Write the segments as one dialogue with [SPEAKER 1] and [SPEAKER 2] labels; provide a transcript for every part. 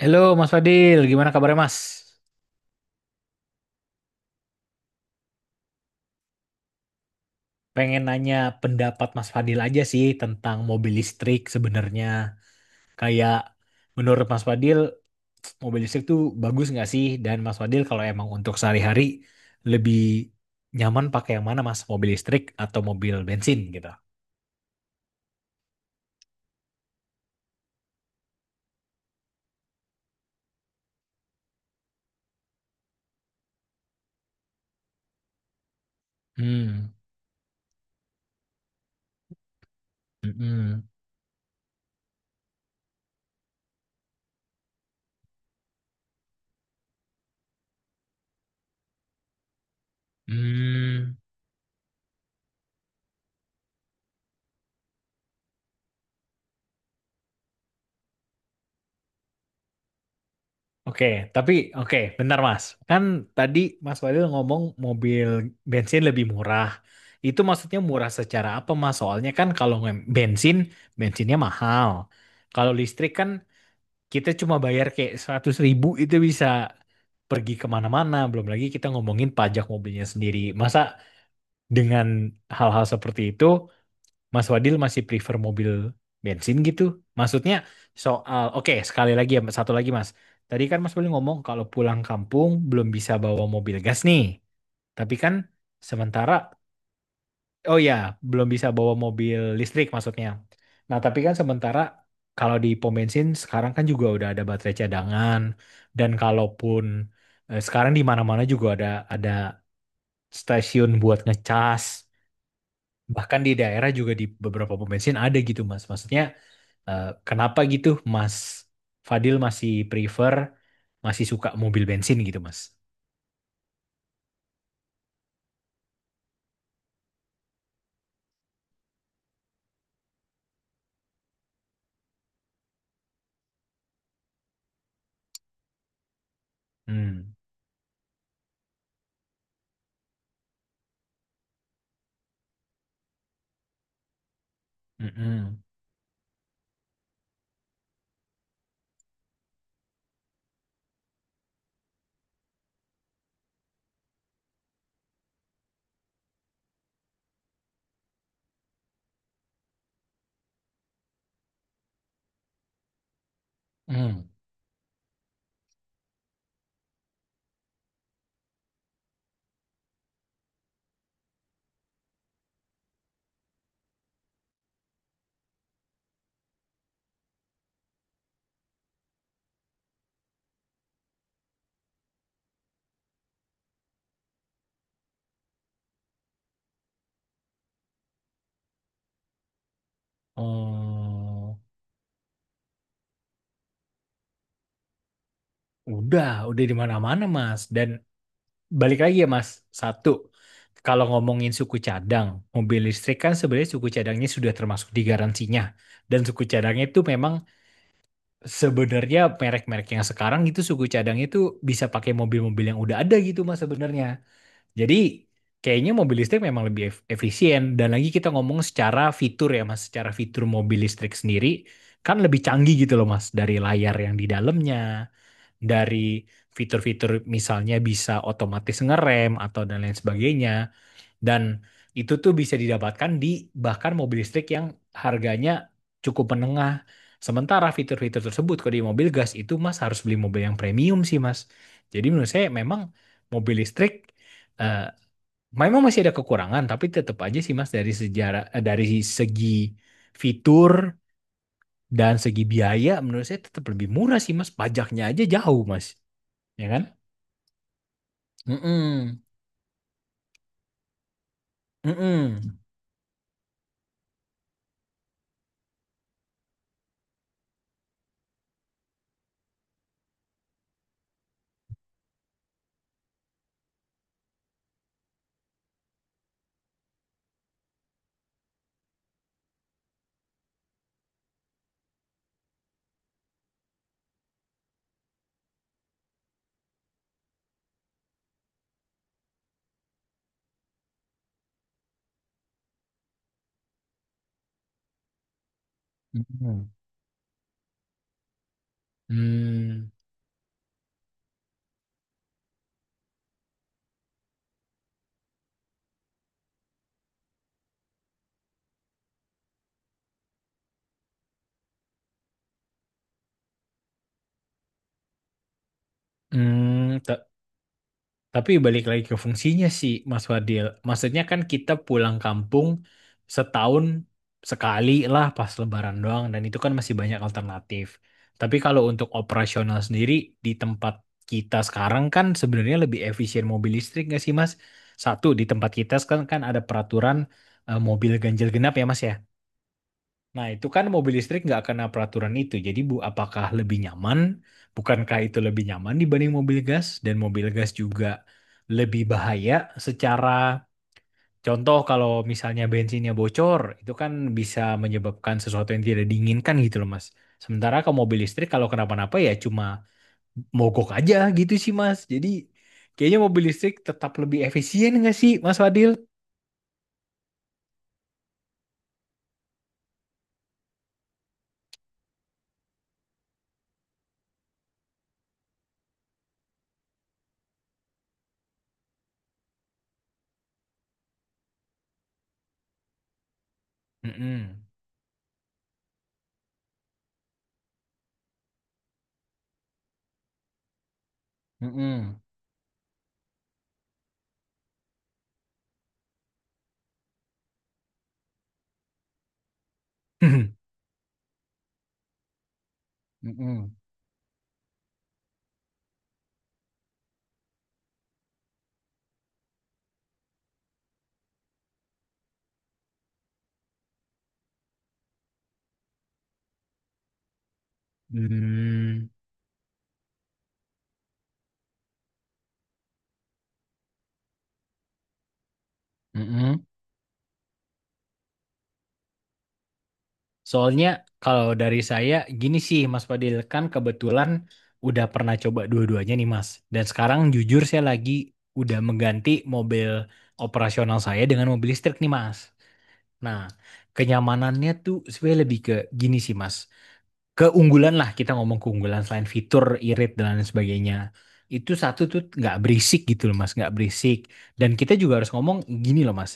[SPEAKER 1] Halo Mas Fadil, gimana kabarnya Mas? Pengen nanya pendapat Mas Fadil aja sih tentang mobil listrik sebenarnya. Kayak menurut Mas Fadil, mobil listrik tuh bagus nggak sih? Dan Mas Fadil kalau emang untuk sehari-hari lebih nyaman pakai yang mana Mas? Mobil listrik atau mobil bensin gitu? Hmm. Mm-mm. Hmm. Oke, tapi oke, bentar Mas. Kan tadi Mas Walil ngomong mobil bensin lebih murah. Itu maksudnya murah secara apa Mas? Soalnya kan kalau bensin, bensinnya mahal. Kalau listrik kan kita cuma bayar kayak 100.000 itu bisa pergi kemana-mana. Belum lagi kita ngomongin pajak mobilnya sendiri. Masa dengan hal-hal seperti itu, Mas Wadil masih prefer mobil bensin gitu? Maksudnya soal, oke sekali lagi ya, satu lagi Mas. Tadi kan Mas Wadil ngomong kalau pulang kampung belum bisa bawa mobil gas nih. Tapi kan sementara, oh ya, belum bisa bawa mobil listrik maksudnya. Nah tapi kan sementara kalau di pom bensin sekarang kan juga udah ada baterai cadangan. Dan kalaupun sekarang di mana-mana juga ada stasiun buat ngecas. Bahkan di daerah juga di beberapa pom bensin ada gitu Mas. Maksudnya kenapa gitu Mas Fadil masih suka mobil bensin gitu Mas? Hmm. Mm-mm. Mm. Oh, udah, udah di mana-mana Mas. Dan balik lagi ya Mas, satu, kalau ngomongin suku cadang, mobil listrik kan sebenarnya suku cadangnya sudah termasuk di garansinya. Dan suku cadangnya itu memang sebenarnya merek-merek yang sekarang itu suku cadangnya itu bisa pakai mobil-mobil yang udah ada gitu Mas sebenarnya. Jadi kayaknya mobil listrik memang lebih efisien dan lagi kita ngomong secara fitur ya Mas, secara fitur mobil listrik sendiri kan lebih canggih gitu loh Mas, dari layar yang di dalamnya, dari fitur-fitur misalnya bisa otomatis ngerem atau dan lain sebagainya dan itu tuh bisa didapatkan di bahkan mobil listrik yang harganya cukup menengah. Sementara fitur-fitur tersebut kalau di mobil gas itu Mas harus beli mobil yang premium sih Mas. Jadi menurut saya memang mobil listrik eh, memang masih ada kekurangan, tapi tetap aja sih Mas dari sejarah dari segi fitur dan segi biaya menurut saya tetap lebih murah sih Mas. Pajaknya aja jauh Mas, ya kan? Mm-mm. Mm-mm. Mm-mm. Hmm. Hmm. Tapi balik lagi ke fungsinya sih, Mas Fadil. Maksudnya kan kita pulang kampung setahun sekali lah pas Lebaran doang, dan itu kan masih banyak alternatif. Tapi kalau untuk operasional sendiri di tempat kita sekarang kan sebenarnya lebih efisien mobil listrik nggak sih, Mas? Satu, di tempat kita sekarang kan ada peraturan mobil ganjil genap ya, Mas ya. Nah, itu kan mobil listrik nggak kena peraturan itu. Jadi, Bu, apakah lebih nyaman? Bukankah itu lebih nyaman dibanding mobil gas? Dan mobil gas juga lebih bahaya secara contoh kalau misalnya bensinnya bocor, itu kan bisa menyebabkan sesuatu yang tidak diinginkan gitu loh, Mas. Sementara kalau mobil listrik kalau kenapa-napa ya cuma mogok aja gitu sih, Mas. Jadi, kayaknya mobil listrik tetap lebih efisien nggak sih, Mas Fadil? Mm-mm. Mm-mm. Mm-mm. Mm-mm. Soalnya kalau dari saya gini sih Mas Fadil kan kebetulan udah pernah coba dua-duanya nih Mas. Dan sekarang jujur saya lagi udah mengganti mobil operasional saya dengan mobil listrik nih Mas. Nah, kenyamanannya tuh sebenarnya lebih ke gini sih Mas keunggulan lah kita ngomong keunggulan selain fitur, irit dan lain sebagainya. Itu satu tuh nggak berisik gitu loh mas, nggak berisik. Dan kita juga harus ngomong gini loh mas.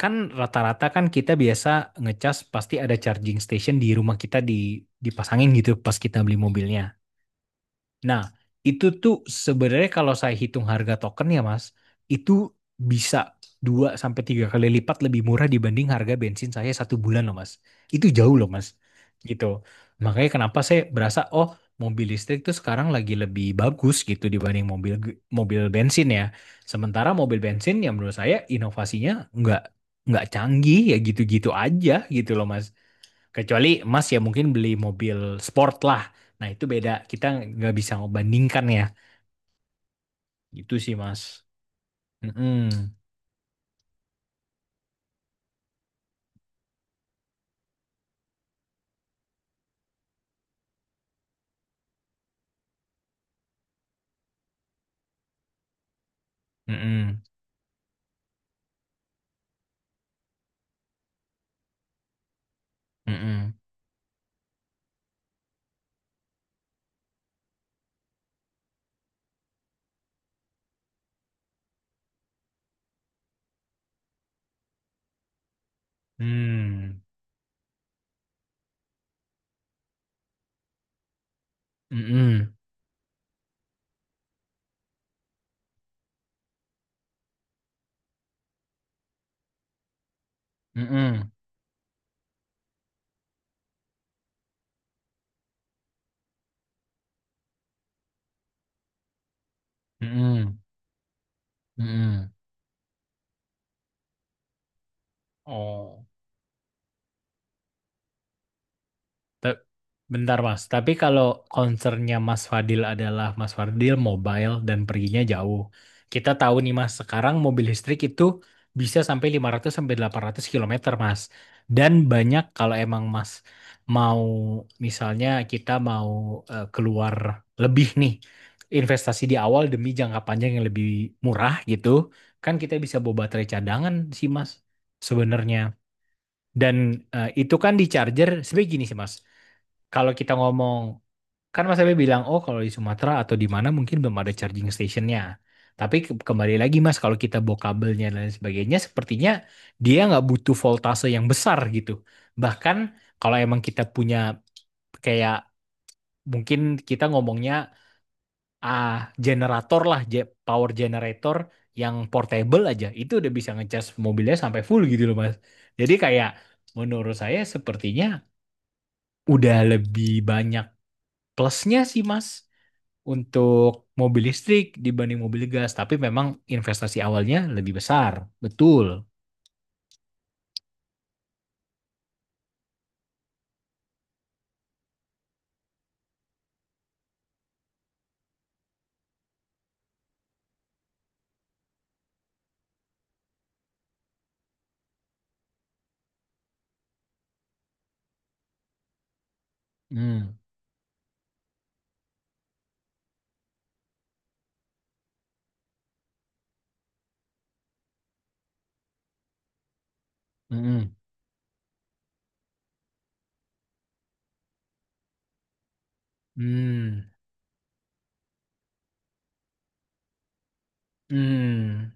[SPEAKER 1] Kan rata-rata kan kita biasa ngecas pasti ada charging station di rumah kita dipasangin gitu pas kita beli mobilnya. Nah, itu tuh sebenarnya kalau saya hitung harga token ya Mas, itu bisa 2 sampai 3 kali lipat lebih murah dibanding harga bensin saya 1 bulan loh Mas. Itu jauh loh Mas. Gitu. Makanya kenapa saya berasa oh mobil listrik tuh sekarang lagi lebih bagus gitu dibanding mobil mobil bensin ya. Sementara mobil bensin yang menurut saya inovasinya nggak nggak canggih ya gitu-gitu aja gitu loh Mas. Kecuali Mas ya mungkin beli mobil sport lah. Nah itu beda. Kita nggak bisa ngebandingkan ya. Gitu sih Mas. Mm-mm. Mm-mm. Mm-mm. Mm. Mm-mm. Mm-mm. Mm-mm. Mm-mm. Oh. Te- Bentar Mas, tapi kalau concernnya Mas Fadil adalah Mas Fadil mobile dan perginya jauh. Kita tahu nih Mas, sekarang mobil listrik itu bisa sampai 500 sampai 800 kilometer Mas. Dan banyak kalau emang Mas mau misalnya kita mau keluar lebih nih, investasi di awal demi jangka panjang yang lebih murah gitu, kan kita bisa bawa baterai cadangan sih Mas sebenarnya. Dan itu kan di charger, sebenarnya gini sih Mas kalau kita ngomong, kan Mas Abe bilang, oh kalau di Sumatera atau di mana mungkin belum ada charging stationnya. Tapi kembali lagi Mas, kalau kita bawa kabelnya dan lain sebagainya, sepertinya dia nggak butuh voltase yang besar gitu. Bahkan kalau emang kita punya kayak mungkin kita ngomongnya ah generator lah, power generator yang portable aja, itu udah bisa ngecas mobilnya sampai full gitu loh Mas. Jadi kayak menurut saya sepertinya udah lebih banyak plusnya sih Mas, untuk mobil listrik dibanding mobil gas, tapi memang investasi awalnya lebih besar. Betul. Hmm. Hmm. Hmm. Hmm.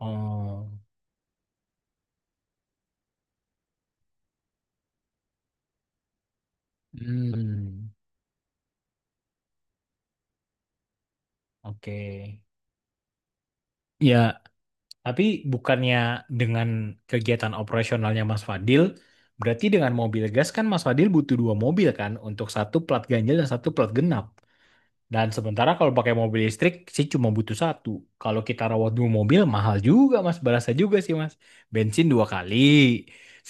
[SPEAKER 1] Oh. Hmm. Oke. Ya, tapi bukannya dengan kegiatan operasionalnya Mas Fadil, berarti dengan mobil gas kan Mas Fadil butuh dua mobil kan untuk satu plat ganjil dan satu plat genap. Dan sementara kalau pakai mobil listrik sih cuma butuh satu. Kalau kita rawat dua mobil mahal juga mas, berasa juga sih mas. Bensin dua kali,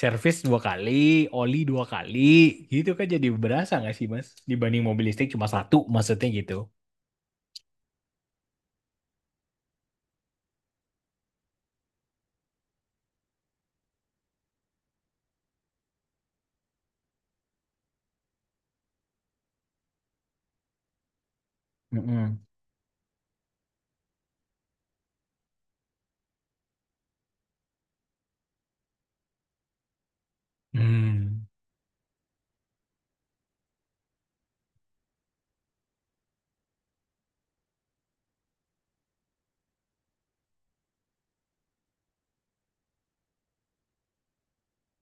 [SPEAKER 1] servis dua kali, oli dua kali, gitu kan jadi berasa nggak sih mas? Dibanding mobil listrik cuma satu, maksudnya gitu. Mm-mm. Hmm,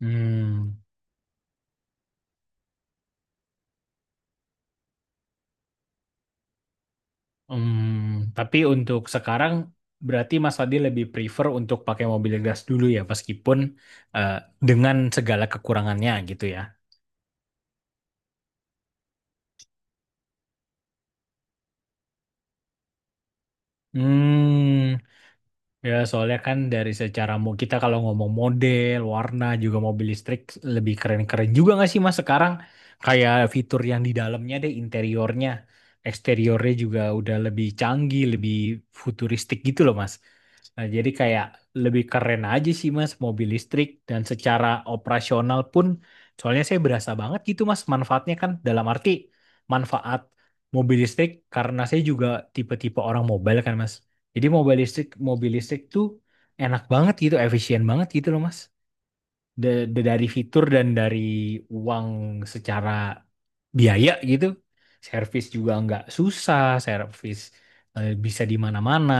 [SPEAKER 1] hmm, hmm. Tapi untuk sekarang berarti Mas Adi lebih prefer untuk pakai mobil gas dulu ya, meskipun eh, dengan segala kekurangannya gitu ya. Hmm. Ya, soalnya kan dari secara mau kita kalau ngomong model, warna, juga mobil listrik lebih keren-keren juga nggak sih Mas sekarang? Kayak fitur yang di dalamnya deh, interiornya, eksteriornya juga udah lebih canggih, lebih futuristik gitu loh Mas. Nah, jadi kayak lebih keren aja sih Mas mobil listrik dan secara operasional pun soalnya saya berasa banget gitu Mas manfaatnya kan dalam arti manfaat mobil listrik karena saya juga tipe-tipe orang mobile kan Mas. Jadi mobil listrik tuh enak banget gitu, efisien banget gitu loh Mas. Dari fitur dan dari uang secara biaya gitu. Servis juga nggak susah, servis bisa di mana-mana.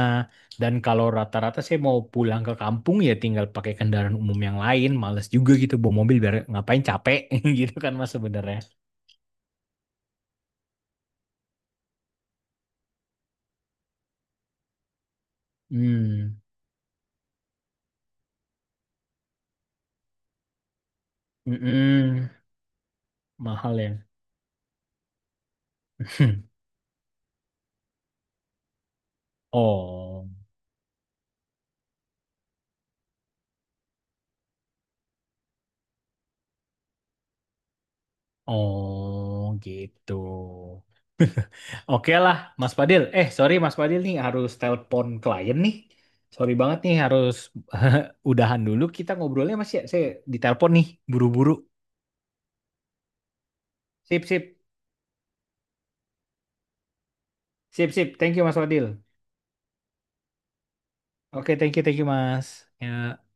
[SPEAKER 1] Dan kalau rata-rata saya mau pulang ke kampung ya tinggal pakai kendaraan umum yang lain. Males juga gitu bawa mobil biar ngapain capek gitu kan mas sebenarnya. Hmm. Mm-mm. Mahal ya. Oh, oh gitu. Oke lah, Mas Fadil. Sorry Mas Fadil nih harus telepon klien nih. Sorry banget nih harus udahan dulu. Kita ngobrolnya masih ya. Saya ditelepon nih, buru-buru. Sip, sip. Sip, sip. Thank you Mas Fadil. Oke, thank you Mas. Ya.